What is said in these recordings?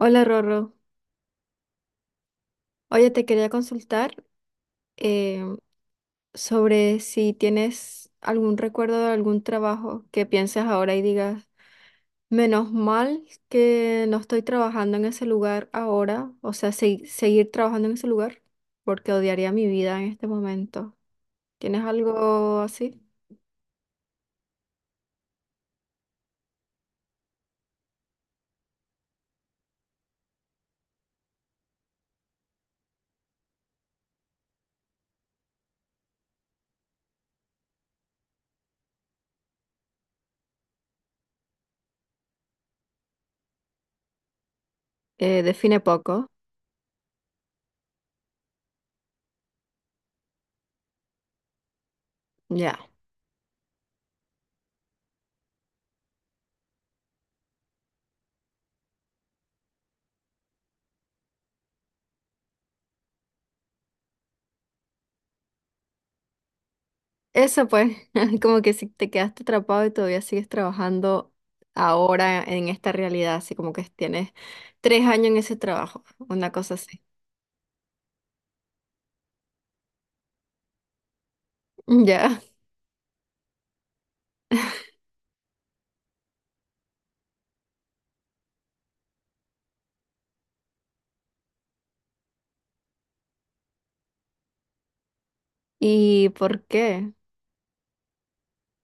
Hola Rorro. Oye, te quería consultar eh, sobre si tienes algún recuerdo de algún trabajo que pienses ahora y digas, menos mal que no estoy trabajando en ese lugar ahora, o sea, seguir trabajando en ese lugar, porque odiaría mi vida en este momento. ¿Tienes algo así? Define poco. Ya. Eso pues, como que si te quedaste atrapado y todavía sigues trabajando ahora en esta realidad, así como que tienes tres años en ese trabajo, una cosa así. Ya. ¿Y por qué?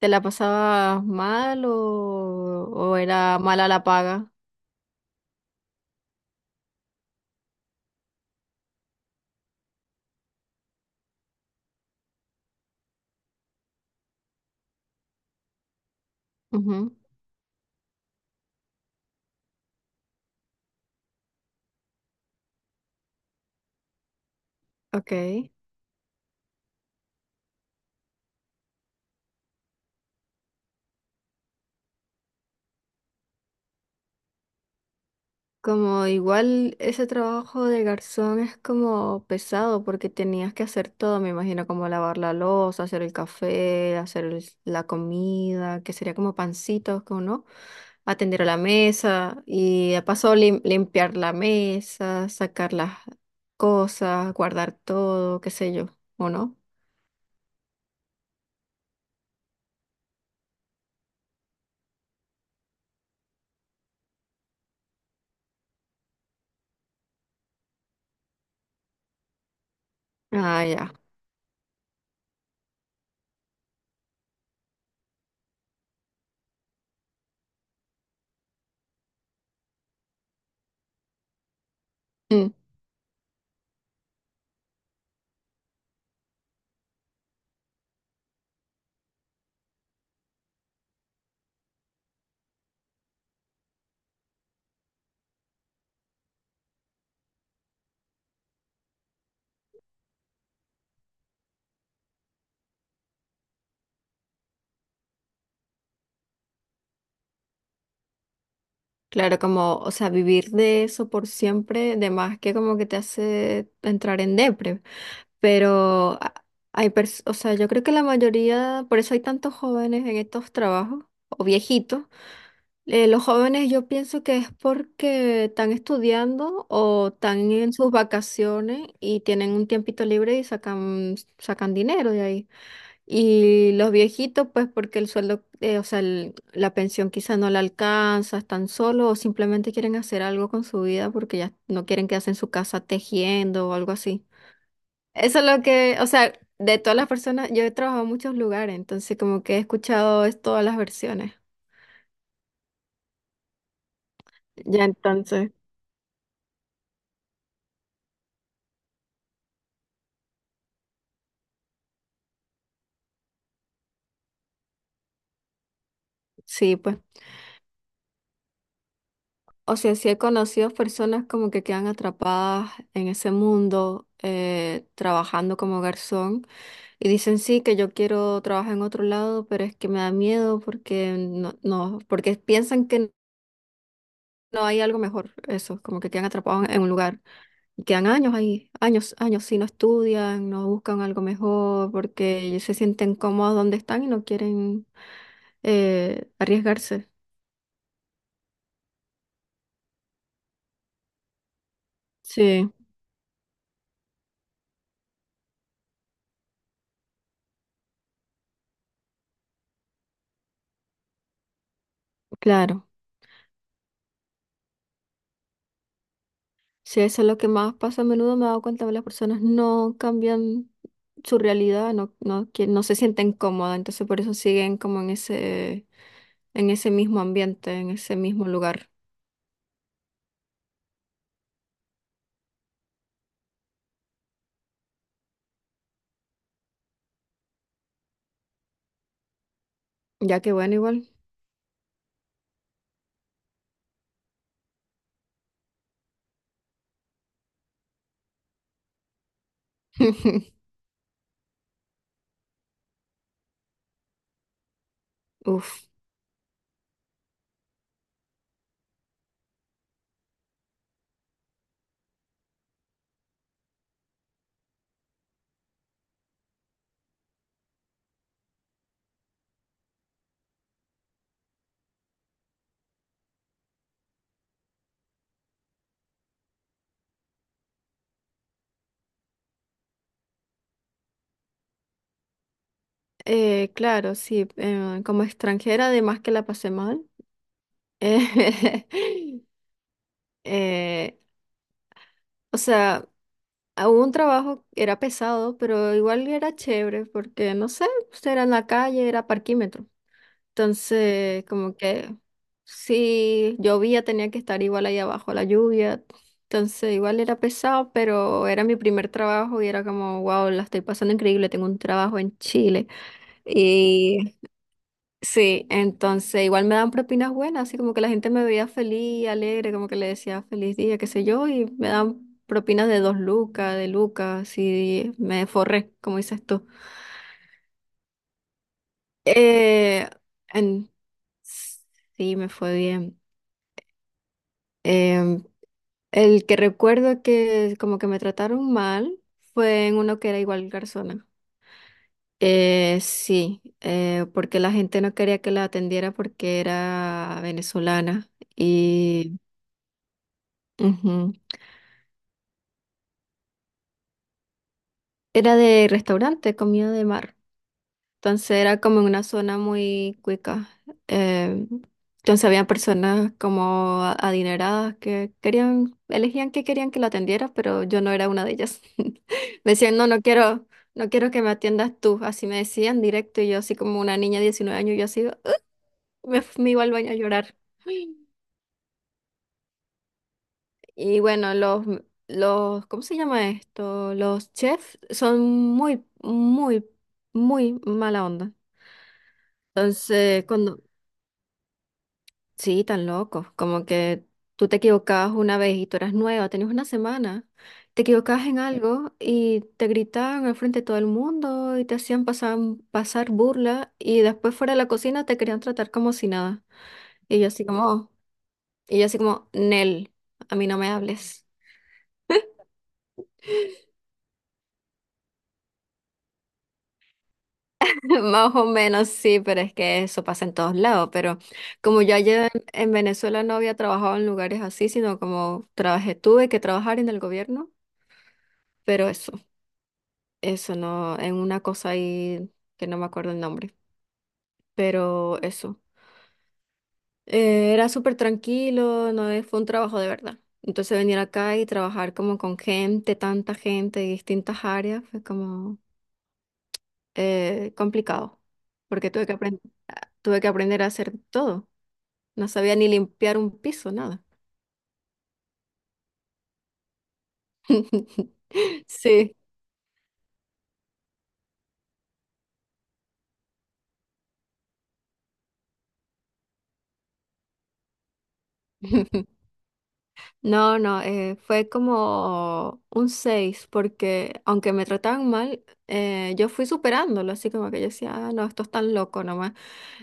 ¿Te la pasabas mal o era mala la paga? Ujú. Ok. Como igual ese trabajo de garzón es como pesado porque tenías que hacer todo, me imagino, como lavar la loza, hacer el café, hacer la comida, que sería como pancitos, como no, atender a la mesa y de paso limpiar la mesa, sacar las cosas, guardar todo, qué sé yo, ¿o no? Ah, ya. Mm. Claro, como, o sea, vivir de eso por siempre, de más que como que te hace entrar en depre. Pero hay o sea, yo creo que la mayoría, por eso hay tantos jóvenes en estos trabajos, o viejitos. Los jóvenes yo pienso que es porque están estudiando o están en sus vacaciones y tienen un tiempito libre y sacan dinero de ahí. Y los viejitos, pues porque el sueldo, o sea, la pensión quizá no la alcanza, están solos o simplemente quieren hacer algo con su vida porque ya no quieren quedarse en su casa tejiendo o algo así. Eso es lo que, o sea, de todas las personas, yo he trabajado en muchos lugares, entonces como que he escuchado es todas las versiones. Ya entonces, sí, pues. O sea, sí he conocido personas como que quedan atrapadas en ese mundo trabajando como garzón y dicen sí que yo quiero trabajar en otro lado, pero es que me da miedo porque porque piensan que no hay algo mejor, eso, como que quedan atrapados en un lugar y quedan años ahí, años, años, si no estudian, no buscan algo mejor porque se sienten cómodos donde están y no quieren arriesgarse. Sí, claro. Sí, eso es lo que más pasa a menudo, me he dado cuenta que las personas no cambian su realidad, no se sienten cómodas, entonces por eso siguen como en en ese mismo ambiente, en ese mismo lugar. Ya que bueno, igual. Uf. Claro, sí, como extranjera, además que la pasé mal. eh, eh, o sea, hubo un trabajo, era pesado, pero igual era chévere porque, no sé, pues, era en la calle, era parquímetro. Entonces, como que si llovía, tenía que estar igual ahí abajo, la lluvia. Entonces, igual era pesado, pero era mi primer trabajo y era como, wow, la estoy pasando increíble, tengo un trabajo en Chile. Sí, entonces igual me daban propinas buenas, así como que la gente me veía feliz, alegre, como que le decía feliz día, qué sé yo, y me daban propinas de dos lucas, de lucas, y me forré, como dices tú. Eh, en- Sí, me fue bien. Em, el que recuerdo que como que me trataron mal fue en uno que era igual garzona. Sí, porque la gente no quería que la atendiera porque era venezolana. Ujú. Era de restaurante, comida de mar. Entonces era como en una zona muy cuica. Eh, entonces había personas como adineradas que querían, elegían que querían que la atendiera, pero yo no era una de ellas. Me decían, no, no quiero, no quiero que me atiendas tú. Así me decían directo y yo así como una niña de 19 años, yo así, "Ugh", me iba al baño a llorar. Y bueno, ¿cómo se llama esto? Los chefs son muy, muy, muy mala onda. Entonces, cuando, sí, tan locos, como que tú te equivocabas una vez y tú eras nueva, tenías una semana, te equivocabas en algo y te gritaban al frente de todo el mundo y te hacían pasar burla y después fuera de la cocina te querían tratar como si nada. Y yo así como, y yo así como, Nel, a mí no me hables. Más o menos sí, pero es que eso pasa en todos lados. Pero como yo allá en Venezuela no había trabajado en lugares así, sino como trabajé, tuve que trabajar en el gobierno, pero eso no, en una cosa ahí que no me acuerdo el nombre, pero eso. Era súper tranquilo, no es- fue un trabajo de verdad. Entonces venir acá y trabajar como con gente, tanta gente de distintas áreas, fue como complicado, porque tuve que aprender a hacer todo. No sabía ni limpiar un piso, nada. Sí. No, no, fue como un 6 porque aunque me trataban mal, yo fui superándolo, así como que yo decía, ah, no, esto es tan loco nomás,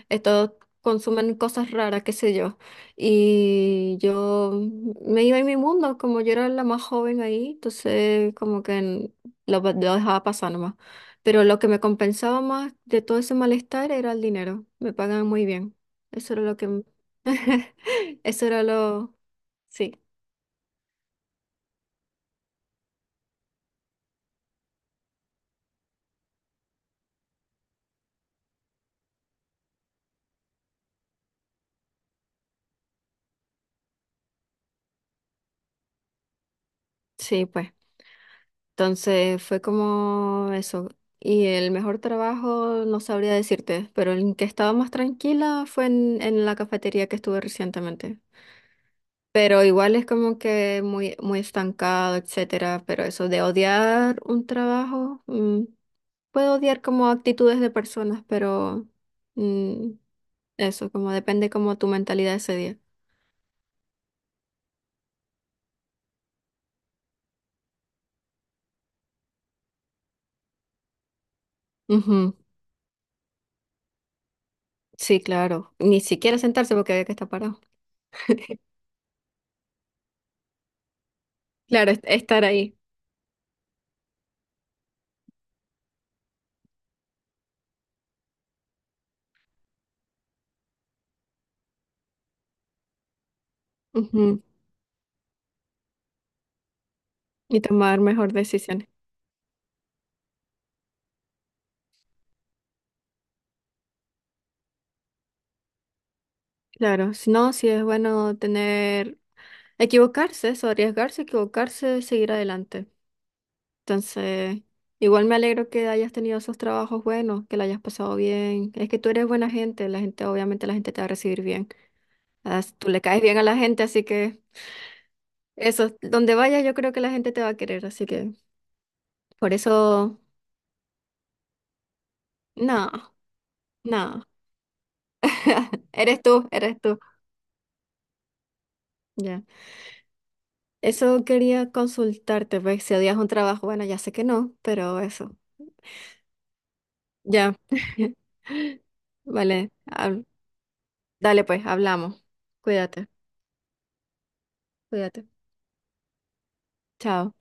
estos consumen cosas raras, qué sé yo. Y yo me iba en mi mundo, como yo era la más joven ahí, entonces como que lo dejaba pasar nomás. Pero lo que me compensaba más de todo ese malestar era el dinero, me pagaban muy bien, eso era lo que, eso era lo, sí. Sí, pues. Entonces fue como eso. Y el mejor trabajo no sabría decirte, pero el que estaba más tranquila fue en la cafetería que estuve recientemente. Pero igual es como que muy, muy estancado, etcétera. Pero eso de odiar un trabajo, puedo odiar como actitudes de personas, pero mm, eso, como depende como tu mentalidad ese día. Ujú. Sí, claro. Ni siquiera sentarse porque había que estar parado. Claro, estar ahí. Y tomar mejor decisiones. Claro, si no, si es bueno tener, equivocarse, eso, arriesgarse, equivocarse, seguir adelante. Entonces, igual me alegro que hayas tenido esos trabajos buenos, que la hayas pasado bien. Es que tú eres buena gente, la gente, obviamente la gente te va a recibir bien. Tú le caes bien a la gente, así que eso, donde vayas yo creo que la gente te va a querer, así que por eso, no, no, eres tú, eres tú. Ya. Eso quería consultarte, pues si odias un trabajo, bueno, ya sé que no, pero eso, ya. Vale, dale pues, hablamos. Cuídate, cuídate. Chao.